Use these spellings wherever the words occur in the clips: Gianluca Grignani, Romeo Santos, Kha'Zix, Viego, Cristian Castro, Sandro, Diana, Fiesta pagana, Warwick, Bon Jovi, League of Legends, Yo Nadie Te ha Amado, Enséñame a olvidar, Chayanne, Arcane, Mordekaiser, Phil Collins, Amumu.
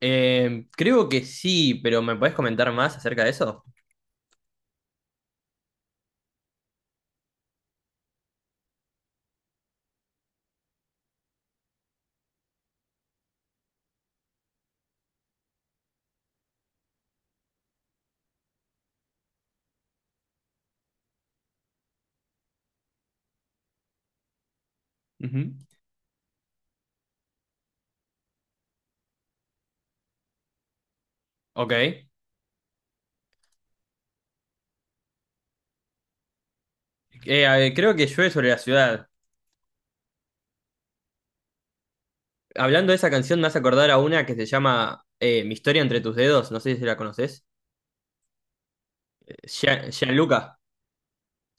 Creo que sí, pero ¿me puedes comentar más acerca de eso? Ujú. Ok. A ver, creo que llueve sobre la ciudad. Hablando de esa canción, me hace acordar a una que se llama Mi historia entre tus dedos. No sé si la conoces. Gianluca.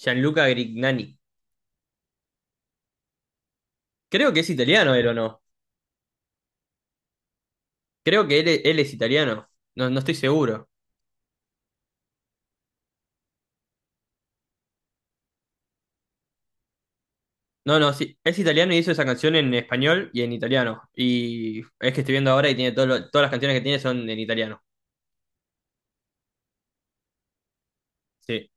Gianluca Grignani. Creo que es italiano él o no. Creo que él es italiano. No, no estoy seguro. No, no, sí. Es italiano y hizo esa canción en español y en italiano. Y es que estoy viendo ahora y tiene todas las canciones que tiene son en italiano. Sí.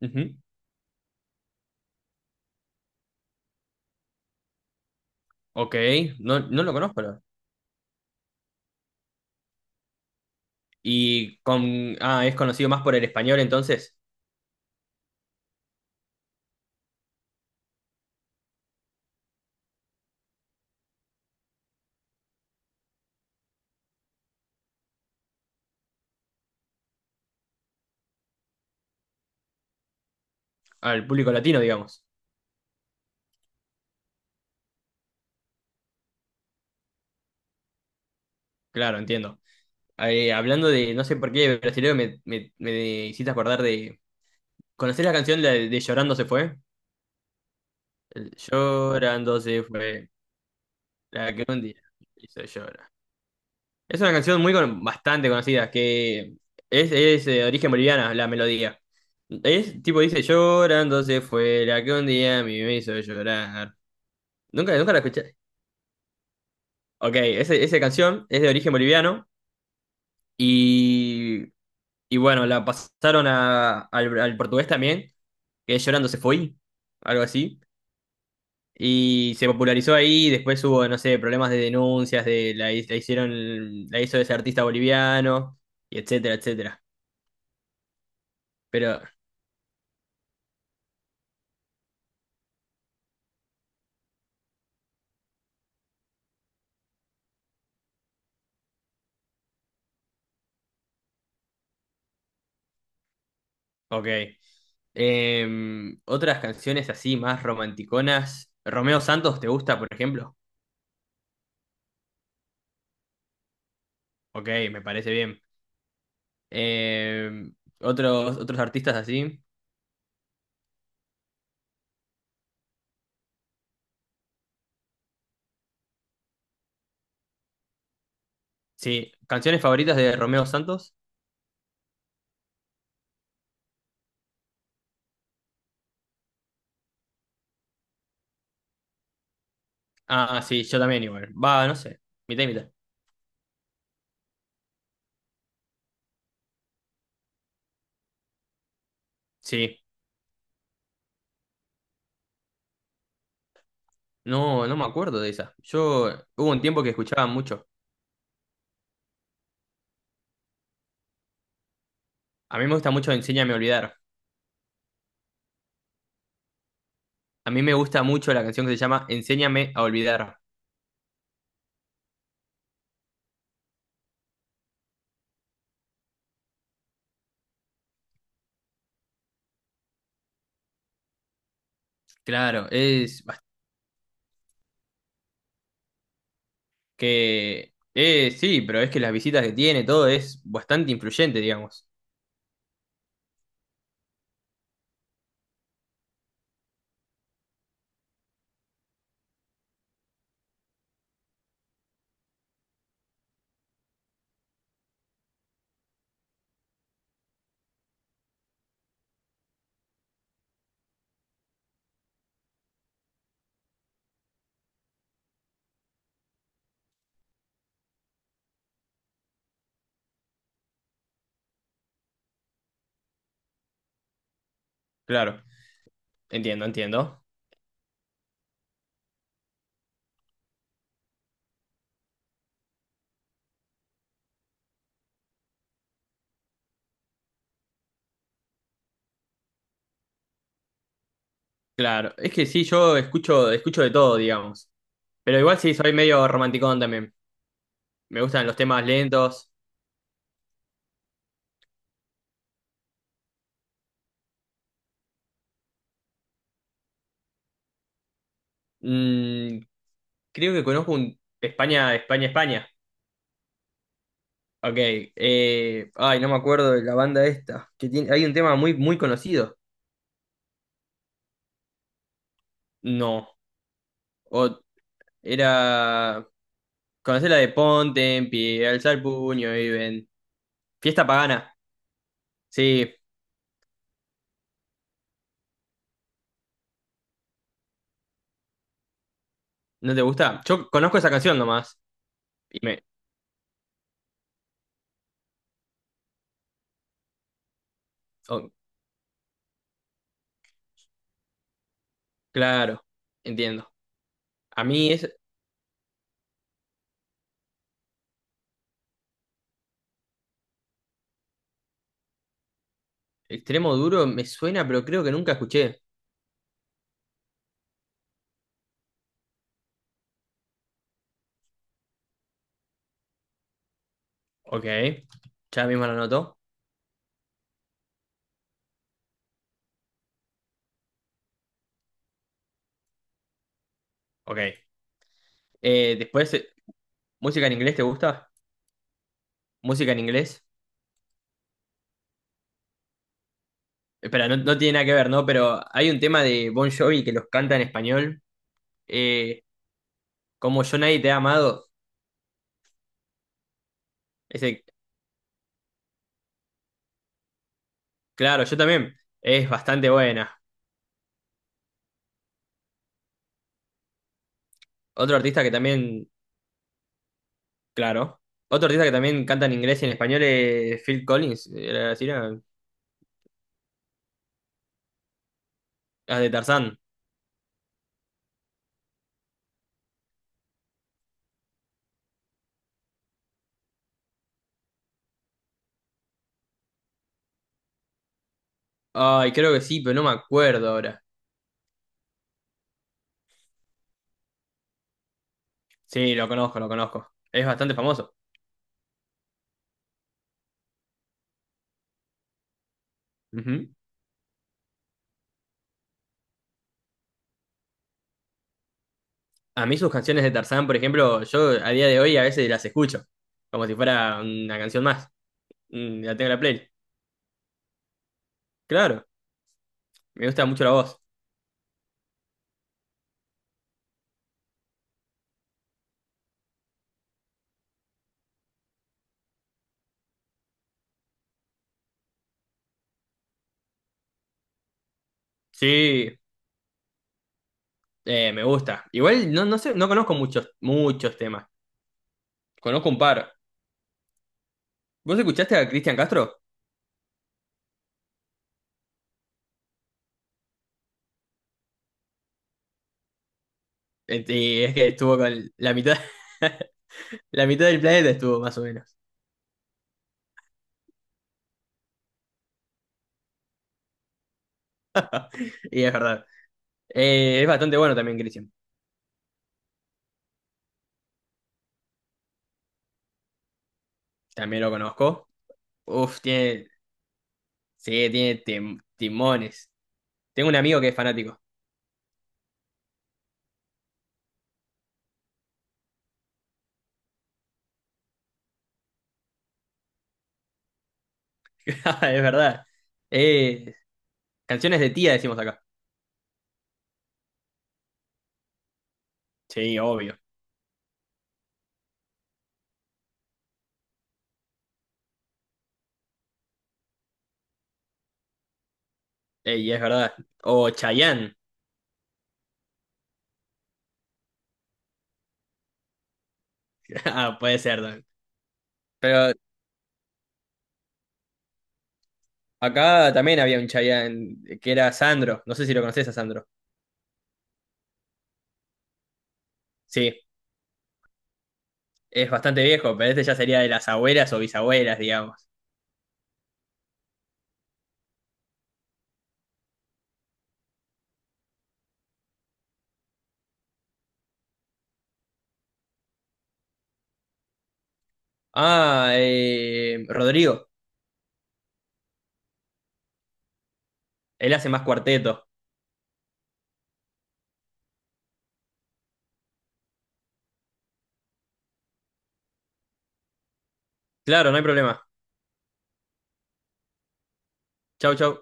Ujú. Ok, no, no lo conozco. Y con, ah, es conocido más por el español entonces, al público latino, digamos. Claro, entiendo. Hablando de, no sé por qué, brasileño, me hiciste acordar de... ¿Conocés la canción de Llorando se fue? El Llorando se fue, la que un día hizo llorar. Es una canción bastante conocida, que es de origen boliviana, la melodía. Es tipo, dice, Llorando se fue, la que un día a mí me hizo llorar. Nunca, nunca la escuché. Ok, esa canción es de origen boliviano y, y bueno, la pasaron al portugués también, que es Llorando se fue, algo así, y se popularizó ahí, después hubo, no sé, problemas de denuncias, de la, la hizo ese artista boliviano, y etcétera, etcétera. Pero, ok. Em, otras canciones así más romanticonas. Romeo Santos, ¿te gusta, por ejemplo? Ok, me parece bien. Em, otros artistas así. Sí, canciones favoritas de Romeo Santos. Ah, sí, yo también igual. Va, no sé, mitad y mitad. Sí, no, no me acuerdo de esa. Yo hubo un tiempo que escuchaba mucho. A mí me gusta mucho Enséñame a olvidar. A mí me gusta mucho la canción que se llama Enséñame a olvidar. Claro, es bast- que sí, pero es que las visitas que tiene, todo es bastante influyente, digamos. Claro, entiendo, entiendo. Claro, es que sí, yo escucho, escucho de todo, digamos. Pero igual sí, soy medio romanticón también. Me gustan los temas lentos. Mm, creo que conozco un España, España, España. Ok. Ay, no me acuerdo de la banda esta. Que tiene, hay un tema muy, muy conocido. No. O, era. Conocer la de Ponte en pie, alzar el puño y ven. Fiesta pagana. Sí, ¿no te gusta? Yo conozco esa canción nomás. Y me. Oh, claro, entiendo. A mí es extremo duro, me suena, pero creo que nunca escuché. Ok. Ya mismo lo noto. Ok. Después ¿música en inglés te gusta? ¿Música en inglés? Espera, no, no tiene nada que ver, ¿no? Pero hay un tema de Bon Jovi que los canta en español. eh, como Yo Nadie Te ha Amado. Ese, claro, yo también. Es bastante buena. Otro artista que también, claro. Otro artista que también canta en inglés y en español es Phil Collins. Era así, era- las de Tarzán. Ay, creo que sí, pero no me acuerdo ahora. Sí, lo conozco, lo conozco. Es bastante famoso. Ujú. A mí sus canciones de Tarzán, por ejemplo, yo a día de hoy a veces las escucho, como si fuera una canción más. Mm, la tengo en la play. Claro, me gusta mucho la voz. Sí, me gusta. Igual no, no sé, no conozco muchos, muchos temas. Conozco un par. ¿Vos escuchaste a Cristian Castro? Y es que estuvo con la mitad, la mitad del planeta estuvo más o menos. Y es verdad. Es bastante bueno también Cristian. También lo conozco. Uf, tiene, sí, timones. Tengo un amigo que es fanático. Es verdad. Eh, canciones de tía decimos acá. Sí, obvio. Ey, es verdad. O Chayanne. Ah, puede ser también. Pero acá también había un Chayanne que era Sandro. No sé si lo conoces a Sandro. Sí, es bastante viejo, pero este ya sería de las abuelas o bisabuelas, digamos. Ah, Rodrigo. Él hace más cuarteto. Claro, no hay problema. Chau, chau.